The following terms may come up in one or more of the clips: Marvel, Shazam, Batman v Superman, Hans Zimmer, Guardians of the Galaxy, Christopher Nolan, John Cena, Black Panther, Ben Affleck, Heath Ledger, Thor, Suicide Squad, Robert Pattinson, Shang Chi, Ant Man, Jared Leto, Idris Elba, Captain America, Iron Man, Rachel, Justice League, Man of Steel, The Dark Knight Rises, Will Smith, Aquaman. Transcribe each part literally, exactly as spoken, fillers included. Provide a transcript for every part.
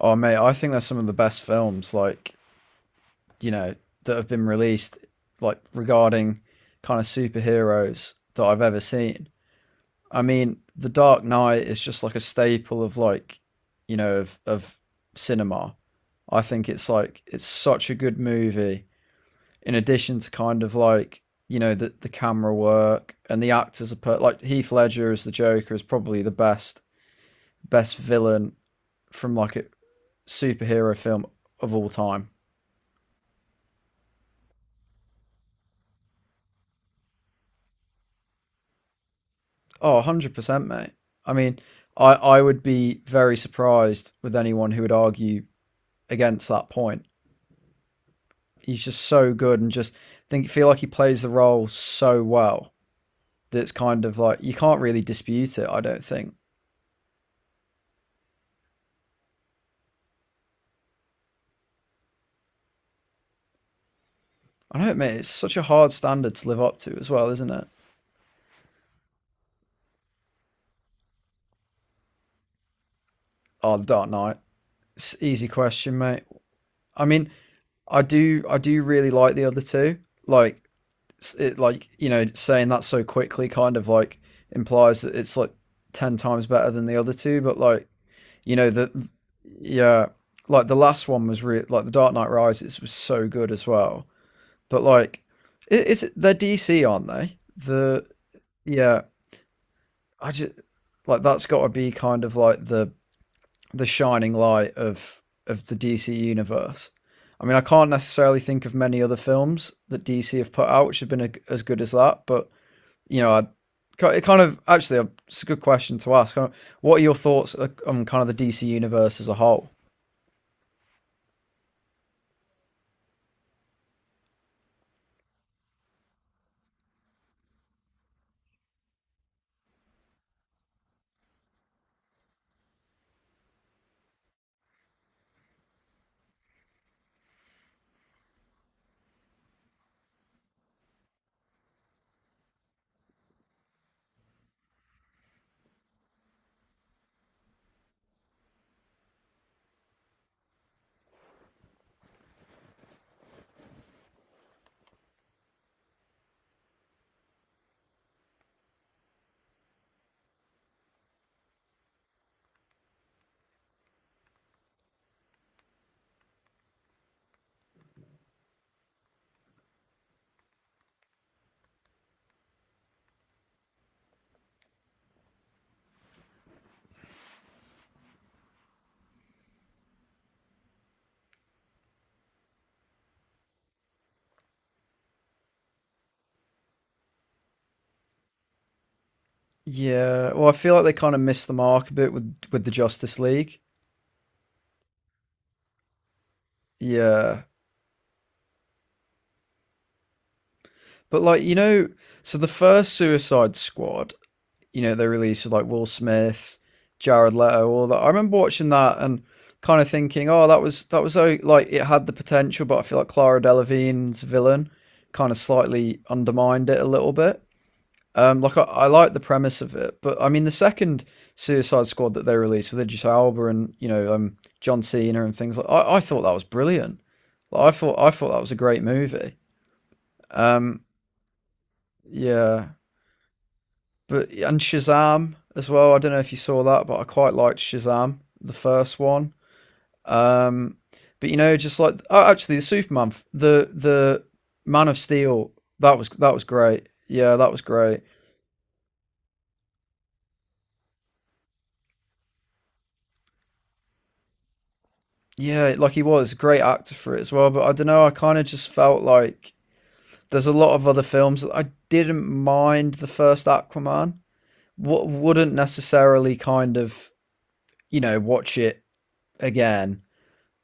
Oh mate, I think they're some of the best films, like you know, that have been released, like regarding kind of superheroes that I've ever seen. I mean, The Dark Knight is just like a staple of like, you know, of of cinema. I think it's like it's such a good movie. In addition to kind of like you know the the camera work, and the actors are per- like Heath Ledger as the Joker is probably the best best villain from like a superhero film of all time. Oh, a hundred percent, mate. I mean, I, I would be very surprised with anyone who would argue against that point. He's just so good and just think feel like he plays the role so well that it's kind of like you can't really dispute it, I don't think. I don't know, mate, it's such a hard standard to live up to as well, isn't it? Oh, the Dark Knight. It's an easy question, mate. I mean, I do I do really like the other two. Like it, like you know saying that so quickly kind of like implies that it's like ten times better than the other two, but like you know the yeah, like the last one was really like the Dark Knight Rises was so good as well, but like it, it's they're D C, aren't they? The Yeah, I just like that's got to be kind of like the the shining light of of the D C universe. I mean, I can't necessarily think of many other films that D C have put out which have been a, as good as that, but you know, I, it kind of actually it's a good question to ask. What are your thoughts uh, on kind of the D C universe as a whole? Yeah, well, I feel like they kind of missed the mark a bit with with the Justice League. Yeah, but like you know, so the first Suicide Squad, you know, they released with like Will Smith, Jared Leto, all that. I remember watching that and kind of thinking, oh, that was that was so like it had the potential, but I feel like Clara Delevingne's villain kind of slightly undermined it a little bit. Um, like I, I like the premise of it, but I mean the second Suicide Squad that they released with Idris Elba and you know um, John Cena and things like I, I thought that was brilliant. Like, I thought I thought that was a great movie. Um, yeah, but and Shazam as well. I don't know if you saw that, but I quite liked Shazam, the first one. Um, but you know, just like oh, actually the Superman, f- the the Man of Steel, that was that was great. Yeah, that was great. Yeah, like he was a great actor for it as well. But I don't know. I kind of just felt like there's a lot of other films that I didn't mind the first Aquaman. What wouldn't necessarily kind of you know watch it again.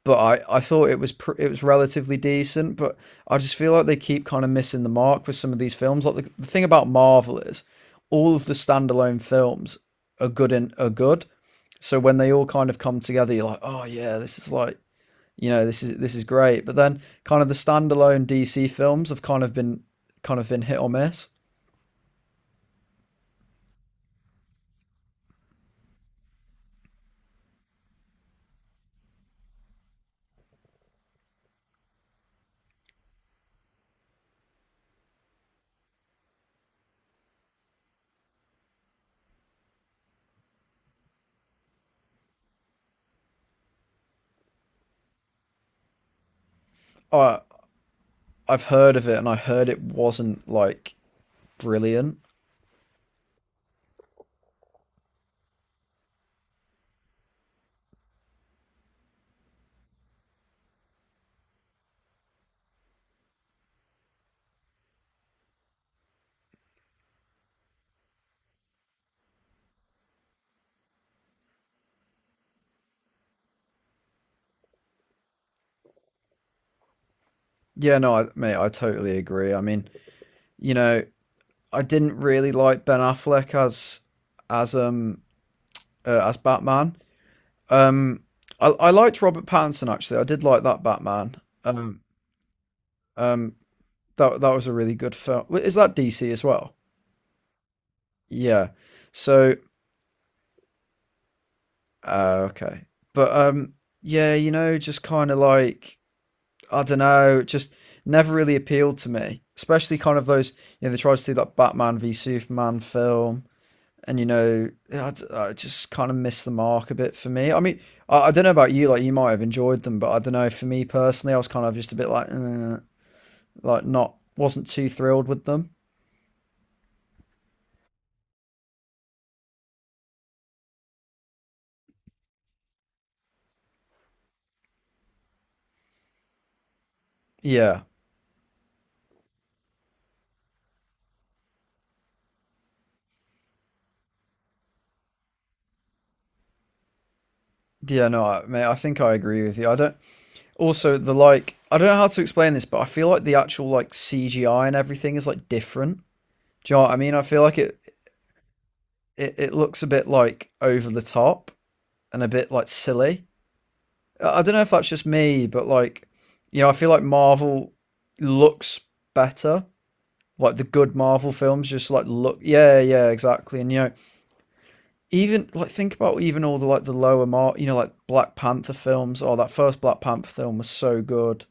But I, I thought it was pr- it was relatively decent. But I just feel like they keep kind of missing the mark with some of these films. Like the, the thing about Marvel is all of the standalone films are good and are good. So when they all kind of come together, you're like, oh yeah, this is like you know this is this is great, but then kind of the standalone D C films have kind of been kind of been hit or miss. I i've heard of it, and I heard it wasn't like brilliant. Yeah, no, I, mate, i totally agree. I mean, you know I didn't really like Ben Affleck as as um uh, as Batman. um I, I liked Robert Pattinson. Actually, I did like that Batman. um um that that was a really good film. Is that D C as well? Yeah. so Oh, okay. But um, yeah, you know, just kind of like I don't know, just never really appealed to me. Especially kind of those, you know, they tried to do that Batman v Superman film, and you know, I I just kind of missed the mark a bit for me. I mean, I, I don't know about you, like you might have enjoyed them, but I don't know. For me personally, I was kind of just a bit like, eh, like not wasn't too thrilled with them. Yeah, yeah, no, I, mate, I think I agree with you. I don't. Also, the like I don't know how to explain this, but I feel like the actual like C G I and everything is like different. Do you know what I mean? I feel like it it, it looks a bit like over the top and a bit like silly. I don't know if that's just me, but like you know, I feel like Marvel looks better. Like the good Marvel films just like look. Yeah, yeah, exactly. And you know, even like think about even all the like the lower mark. You know, like Black Panther films. Oh, that first Black Panther film was so good.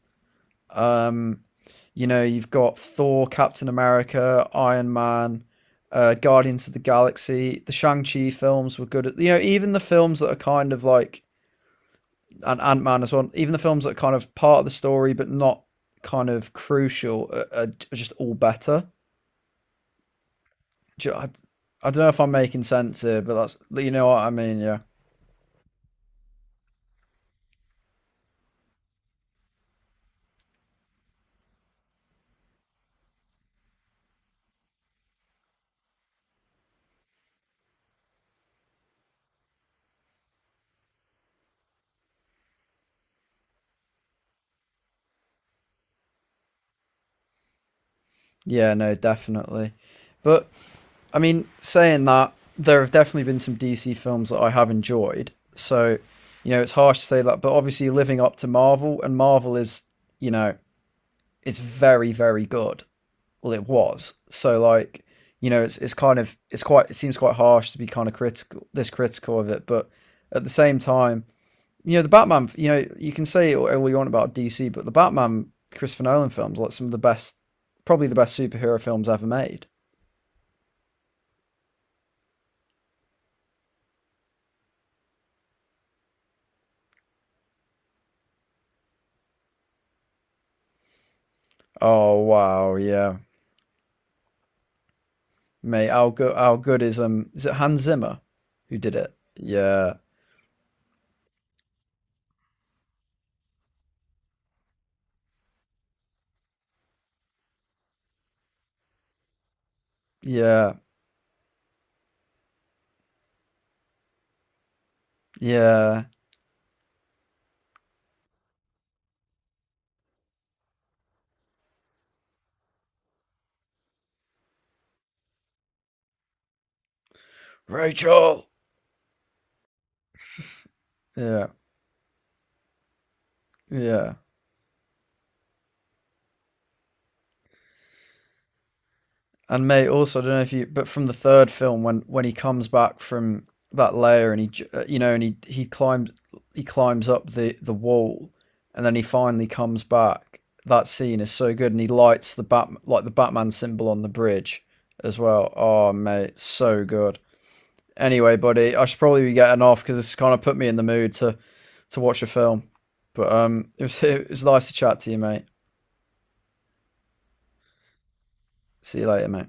Um You know, you've got Thor, Captain America, Iron Man, uh, Guardians of the Galaxy. The Shang Chi films were good. At, you know, even the films that are kind of like, and Ant Man as well. Even the films that are kind of part of the story but not kind of crucial are, are just all better. I don't know if I'm making sense here, but that's you know what I mean. Yeah, yeah, no, definitely. But I mean, saying that, there have definitely been some D C films that I have enjoyed. So, you know, it's harsh to say that, but obviously living up to Marvel, and Marvel is, you know, it's very, very good. Well, it was. So, like, you know, it's it's kind of it's quite. It seems quite harsh to be kind of critical this critical of it, but at the same time, you know, the Batman, you know, you can say all you want about D C, but the Batman Christopher Nolan films, like some of the best, probably the best superhero films ever made. Oh wow, yeah. Mate, how good how good is um is it Hans Zimmer who did it? Yeah. Yeah. Yeah. Rachel. Yeah. Yeah. And mate, also I don't know if you but from the third film when when he comes back from that layer and he uh, you know and he he climbs he climbs up the the wall, and then he finally comes back. That scene is so good, and he lights the bat like the Batman symbol on the bridge as well. Oh mate, so good. Anyway, buddy, I should probably be getting off because this kind of put me in the mood to to watch a film. But um, it was it was nice to chat to you, mate. See you later, mate.